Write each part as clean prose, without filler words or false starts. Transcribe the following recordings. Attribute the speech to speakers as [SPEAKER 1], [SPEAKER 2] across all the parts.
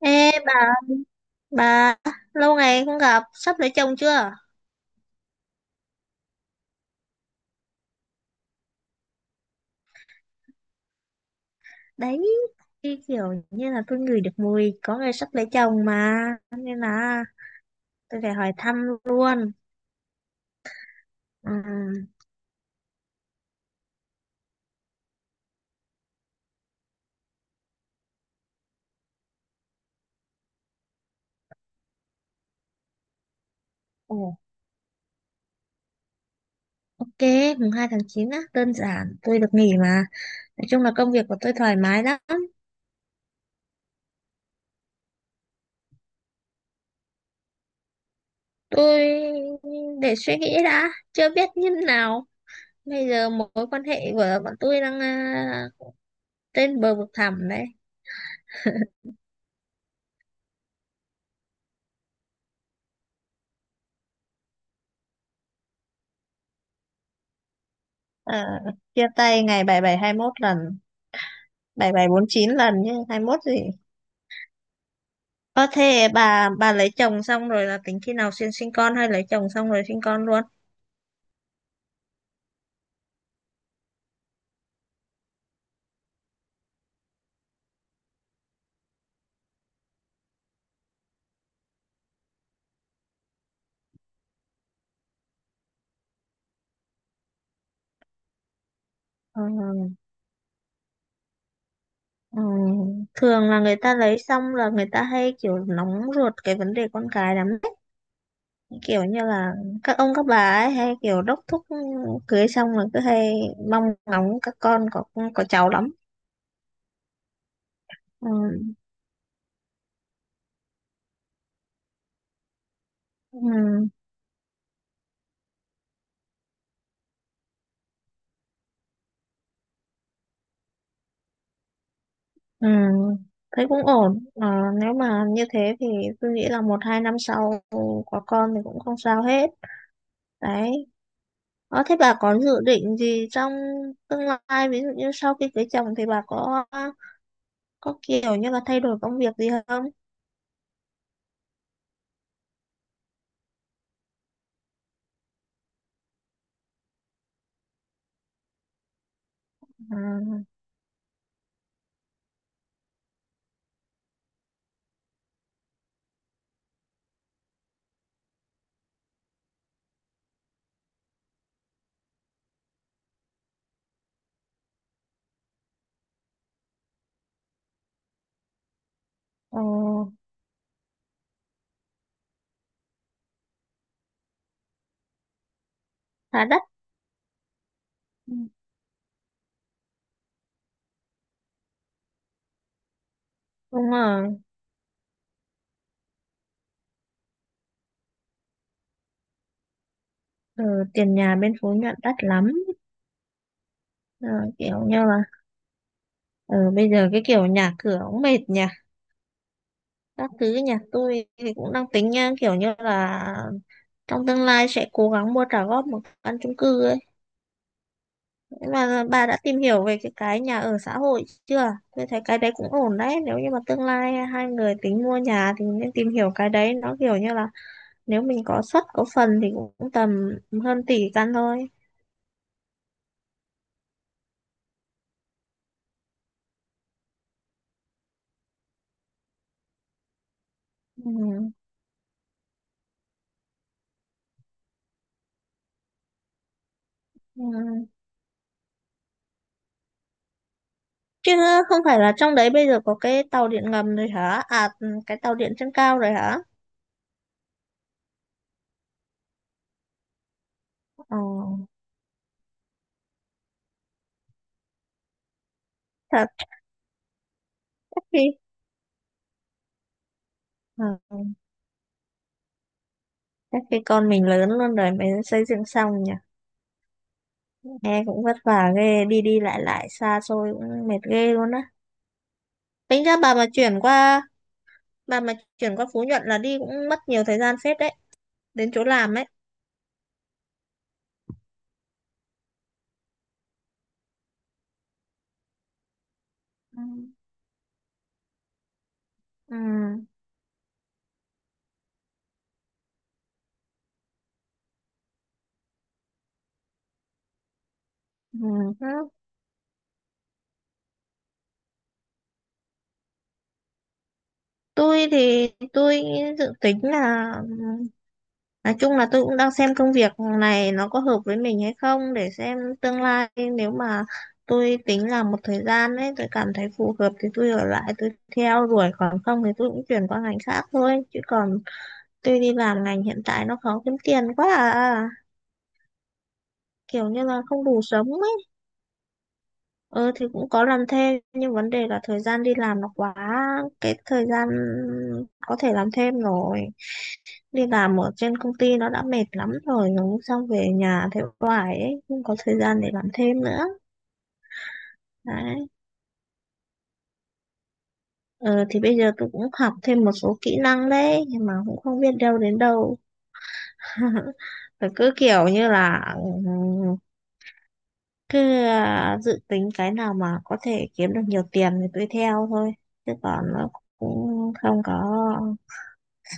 [SPEAKER 1] Ê bà lâu ngày không gặp, sắp lấy chồng chưa? Đấy, cái kiểu như là tôi ngửi được mùi có người sắp lấy chồng mà, nên là tôi phải hỏi thăm luôn. Ừ. Ồ, ok, mùng 2 tháng 9 á, đơn giản, tôi được nghỉ mà. Nói chung là công việc của tôi thoải mái lắm. Tôi để suy nghĩ đã, chưa biết như thế nào. Bây giờ mối quan hệ của bọn tôi đang trên bờ vực thẳm đấy. Ờ, chia tay ngày 7721 lần, 7749 lần nhé, 21 gì. Ơ thế bà lấy chồng xong rồi là tính khi nào sinh sinh con, hay lấy chồng xong rồi sinh con luôn? Ừ, ừ. Thường là người ta lấy xong là người ta hay kiểu nóng ruột cái vấn đề con cái lắm đấy. Kiểu như là các ông các bà ấy hay kiểu đốc thúc, cưới xong là cứ hay mong ngóng các con có cháu lắm. Ừ. Ừ. Ừ. Thấy cũng ổn. Ờ, nếu mà như thế thì tôi nghĩ là một hai năm sau có con thì cũng không sao hết. Đấy. Ờ, thế bà có dự định gì trong tương lai, ví dụ như sau khi cưới chồng thì bà có kiểu như là thay đổi công việc gì không? À, ờ, khá đắt. Ừ. Đúng rồi. Ừ, tiền nhà bên Phú Nhuận đắt lắm. Ờ, kiểu như là ờ, bây giờ cái kiểu nhà cửa cũng mệt nhỉ. Các thứ nhà tôi thì cũng đang tính nha, kiểu như là trong tương lai sẽ cố gắng mua trả góp một căn chung cư ấy. Thế mà bà đã tìm hiểu về cái nhà ở xã hội chưa? Tôi thấy cái đấy cũng ổn đấy. Nếu như mà tương lai hai người tính mua nhà thì nên tìm hiểu cái đấy. Nó kiểu như là nếu mình có suất có phần thì cũng tầm hơn tỷ căn thôi. Ừ. Ừ. Chứ không phải là trong đấy bây giờ có cái tàu điện ngầm rồi hả? À, ừ, cái tàu điện trên cao rồi hả? Ờ, thật. chắc khi ờ, Chắc khi con mình lớn luôn rồi mới xây dựng xong nhỉ. Nghe cũng vất vả ghê, đi đi lại lại xa xôi cũng mệt ghê luôn á. Tính ra bà mà chuyển qua Phú Nhuận là đi cũng mất nhiều thời gian phết đấy, đến chỗ làm ấy. Ừ. Ừ. Ừ. Ừ. Tôi thì tôi dự tính là, nói chung là tôi cũng đang xem công việc này nó có hợp với mình hay không để xem tương lai. Nếu mà tôi tính làm một thời gian ấy, tôi cảm thấy phù hợp thì tôi ở lại tôi theo đuổi, còn không thì tôi cũng chuyển qua ngành khác thôi. Chứ còn tôi đi làm ngành hiện tại nó khó kiếm tiền quá à. Kiểu như là không đủ sống. Ờ thì cũng có làm thêm, nhưng vấn đề là thời gian đi làm nó quá cái thời gian có thể làm thêm rồi, đi làm ở trên công ty nó đã mệt lắm rồi, nó xong về nhà thế hoài ấy, không có thời gian để làm thêm nữa. Đấy. Ờ, thì bây giờ tôi cũng học thêm một số kỹ năng đấy, nhưng mà cũng không biết đâu đến đâu. Phải cứ kiểu như là cứ dự tính cái nào mà có thể kiếm được nhiều tiền thì tôi theo thôi, chứ còn nó cũng không có.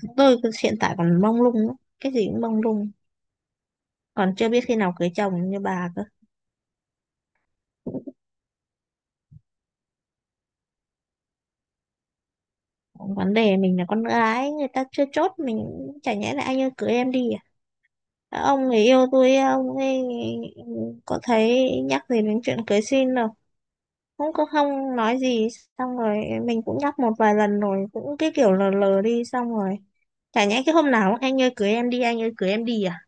[SPEAKER 1] Chúng tôi cứ hiện tại còn mông lung lắm, cái gì cũng mông lung. Còn chưa biết khi nào cưới chồng như bà cơ. Vấn đề mình là con gái, người ta chưa chốt mình, chả nhẽ là anh ơi cưới em đi à? Ờ, ông người yêu tôi ông ấy có thấy nhắc gì đến chuyện cưới xin đâu, không có không nói gì, xong rồi mình cũng nhắc một vài lần rồi cũng cái kiểu lờ lờ đi. Xong rồi chả nhẽ cái hôm nào cũng, anh ơi cưới em đi, anh ơi cưới em đi à?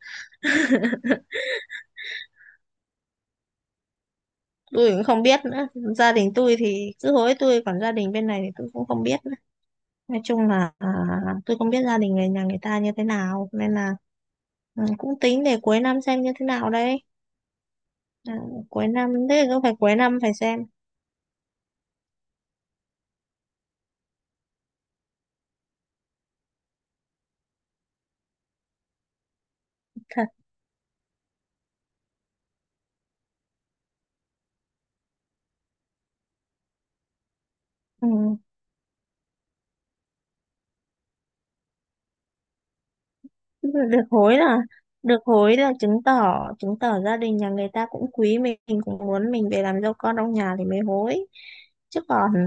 [SPEAKER 1] Tôi cũng không biết nữa. Gia đình tôi thì cứ hối tôi, còn gia đình bên này thì tôi cũng không biết nữa. Nói chung là tôi không biết gia đình người nhà người ta như thế nào, nên là ừ, cũng tính để cuối năm xem như thế nào đấy. À, cuối năm thế, cứ phải cuối năm phải xem. Thật. Ừ. Tức là được hối là, chứng tỏ, gia đình nhà người ta cũng quý mình cũng muốn mình về làm dâu con trong nhà thì mới hối. Chứ còn ừ,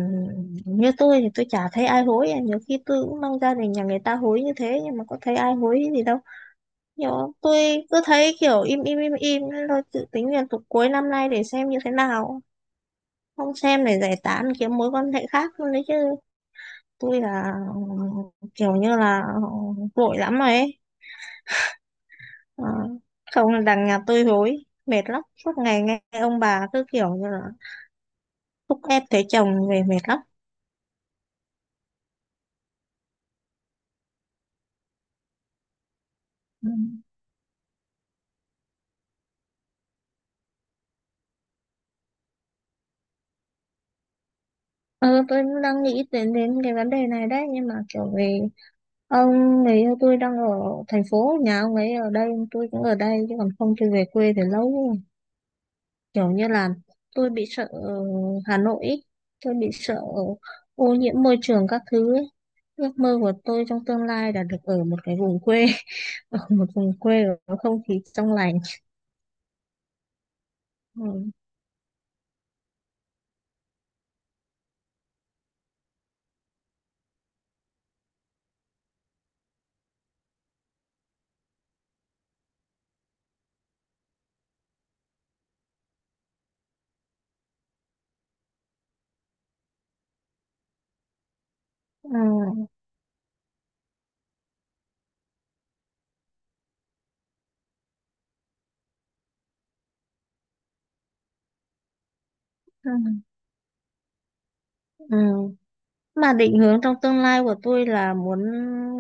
[SPEAKER 1] như tôi thì tôi chả thấy ai hối. Nhiều khi tôi cũng mong gia đình nhà người ta hối như thế nhưng mà có thấy ai hối gì đâu. Kiểu tôi cứ thấy kiểu im im im im nên tôi dự tính là tục cuối năm nay để xem như thế nào. Không xem để giải tán kiếm mối quan hệ khác luôn đấy chứ. Tôi là kiểu như là vội lắm rồi ấy. Ờ, không là đằng nhà tôi hối. Mệt lắm. Suốt ngày nghe ông bà cứ kiểu như là thúc ép thấy chồng về mệt lắm. Ừ. Ờ, tôi cũng đang nghĩ đến đến cái vấn đề này đấy, nhưng mà kiểu vì ông người yêu tôi đang ở thành phố, nhà ông ấy ở đây tôi cũng ở đây, chứ còn không tôi về quê thì lâu rồi. Kiểu như là tôi bị sợ Hà Nội ý. Tôi bị sợ ô nhiễm môi trường các thứ ấy. Ước mơ của tôi trong tương lai là được ở một cái vùng quê, ở một vùng quê có không khí trong lành. Ừ. Ừ. Ừ. Ừ. Mà định hướng trong tương lai của tôi là muốn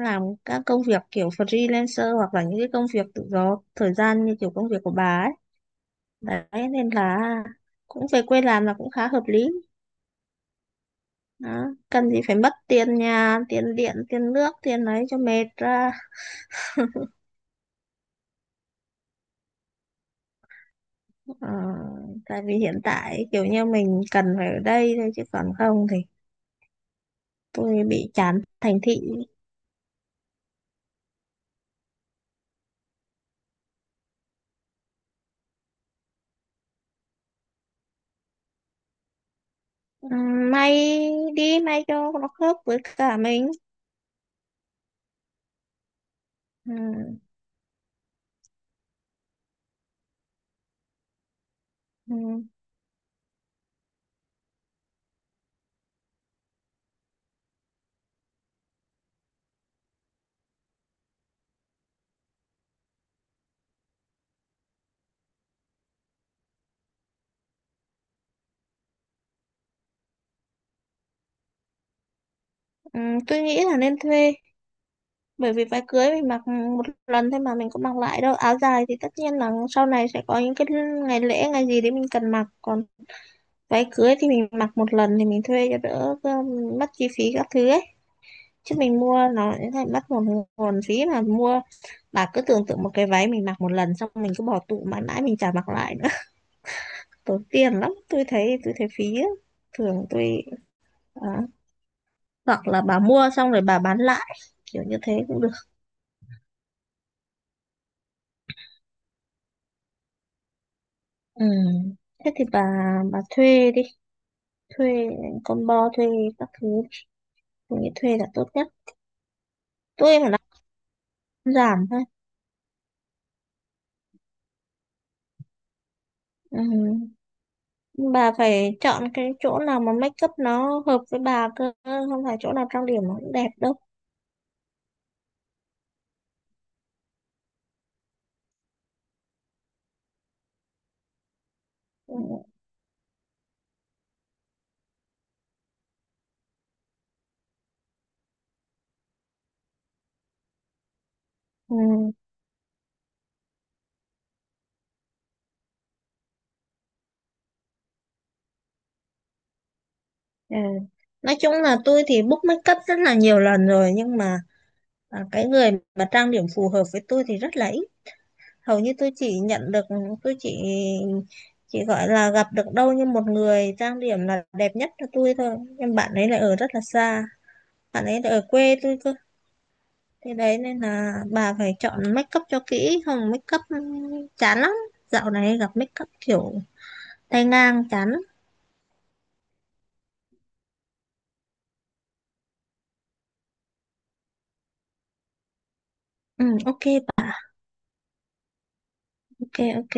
[SPEAKER 1] làm các công việc kiểu freelancer hoặc là những cái công việc tự do thời gian như kiểu công việc của bà ấy. Đấy, nên là cũng về quê làm là cũng khá hợp lý. Đó. Cần gì phải mất tiền nhà, tiền điện, tiền nước, tiền ấy cho mệt ra. Ờ, tại vì hiện tại kiểu như mình cần phải ở đây thôi, chứ còn không thì tôi bị chán thành thị. Ừ, may đi, may cho nó khớp với cả mình. Ừ. Ừ. Ừ, tôi nghĩ là nên thuê, bởi vì váy cưới mình mặc một lần thôi mà mình cũng mặc lại đâu. Áo dài thì tất nhiên là sau này sẽ có những cái ngày lễ ngày gì đấy mình cần mặc, còn váy cưới thì mình mặc một lần thì mình thuê cho đỡ mất chi phí các thứ ấy. Chứ mình mua nó sẽ thành mất một nguồn phí mà mua. Bà cứ tưởng tượng một cái váy mình mặc một lần xong mình cứ bỏ tủ mãi mãi mình chả mặc lại nữa. Tốn tiền lắm, tôi thấy phí á. Thường tôi à, hoặc là bà mua xong rồi bà bán lại, kiểu như thế cũng được. Ừ. Thế thì bà thuê đi, thuê combo, thuê các thứ, tôi nghĩ thuê là tốt nhất. Tôi mà nó giảm thôi. Ừ. Bà phải chọn cái chỗ nào mà make up nó hợp với bà cơ, không phải chỗ nào trang điểm nó cũng đẹp đâu. Ừ. Ừ. Ừ. Nói chung là tôi thì book make up rất là nhiều lần rồi nhưng mà à, cái người mà trang điểm phù hợp với tôi thì rất là ít. Hầu như tôi chỉ nhận được, tôi chỉ gọi là gặp được đâu như một người trang điểm là đẹp nhất cho tôi thôi nhưng bạn ấy lại ở rất là xa. Bạn ấy lại ở quê tôi cơ. Thế đấy, nên là bà phải chọn make up cho kỹ, không make up chán lắm. Dạo này gặp make up kiểu tay ngang chán lắm. Ừ, ok bà. Ok, ok.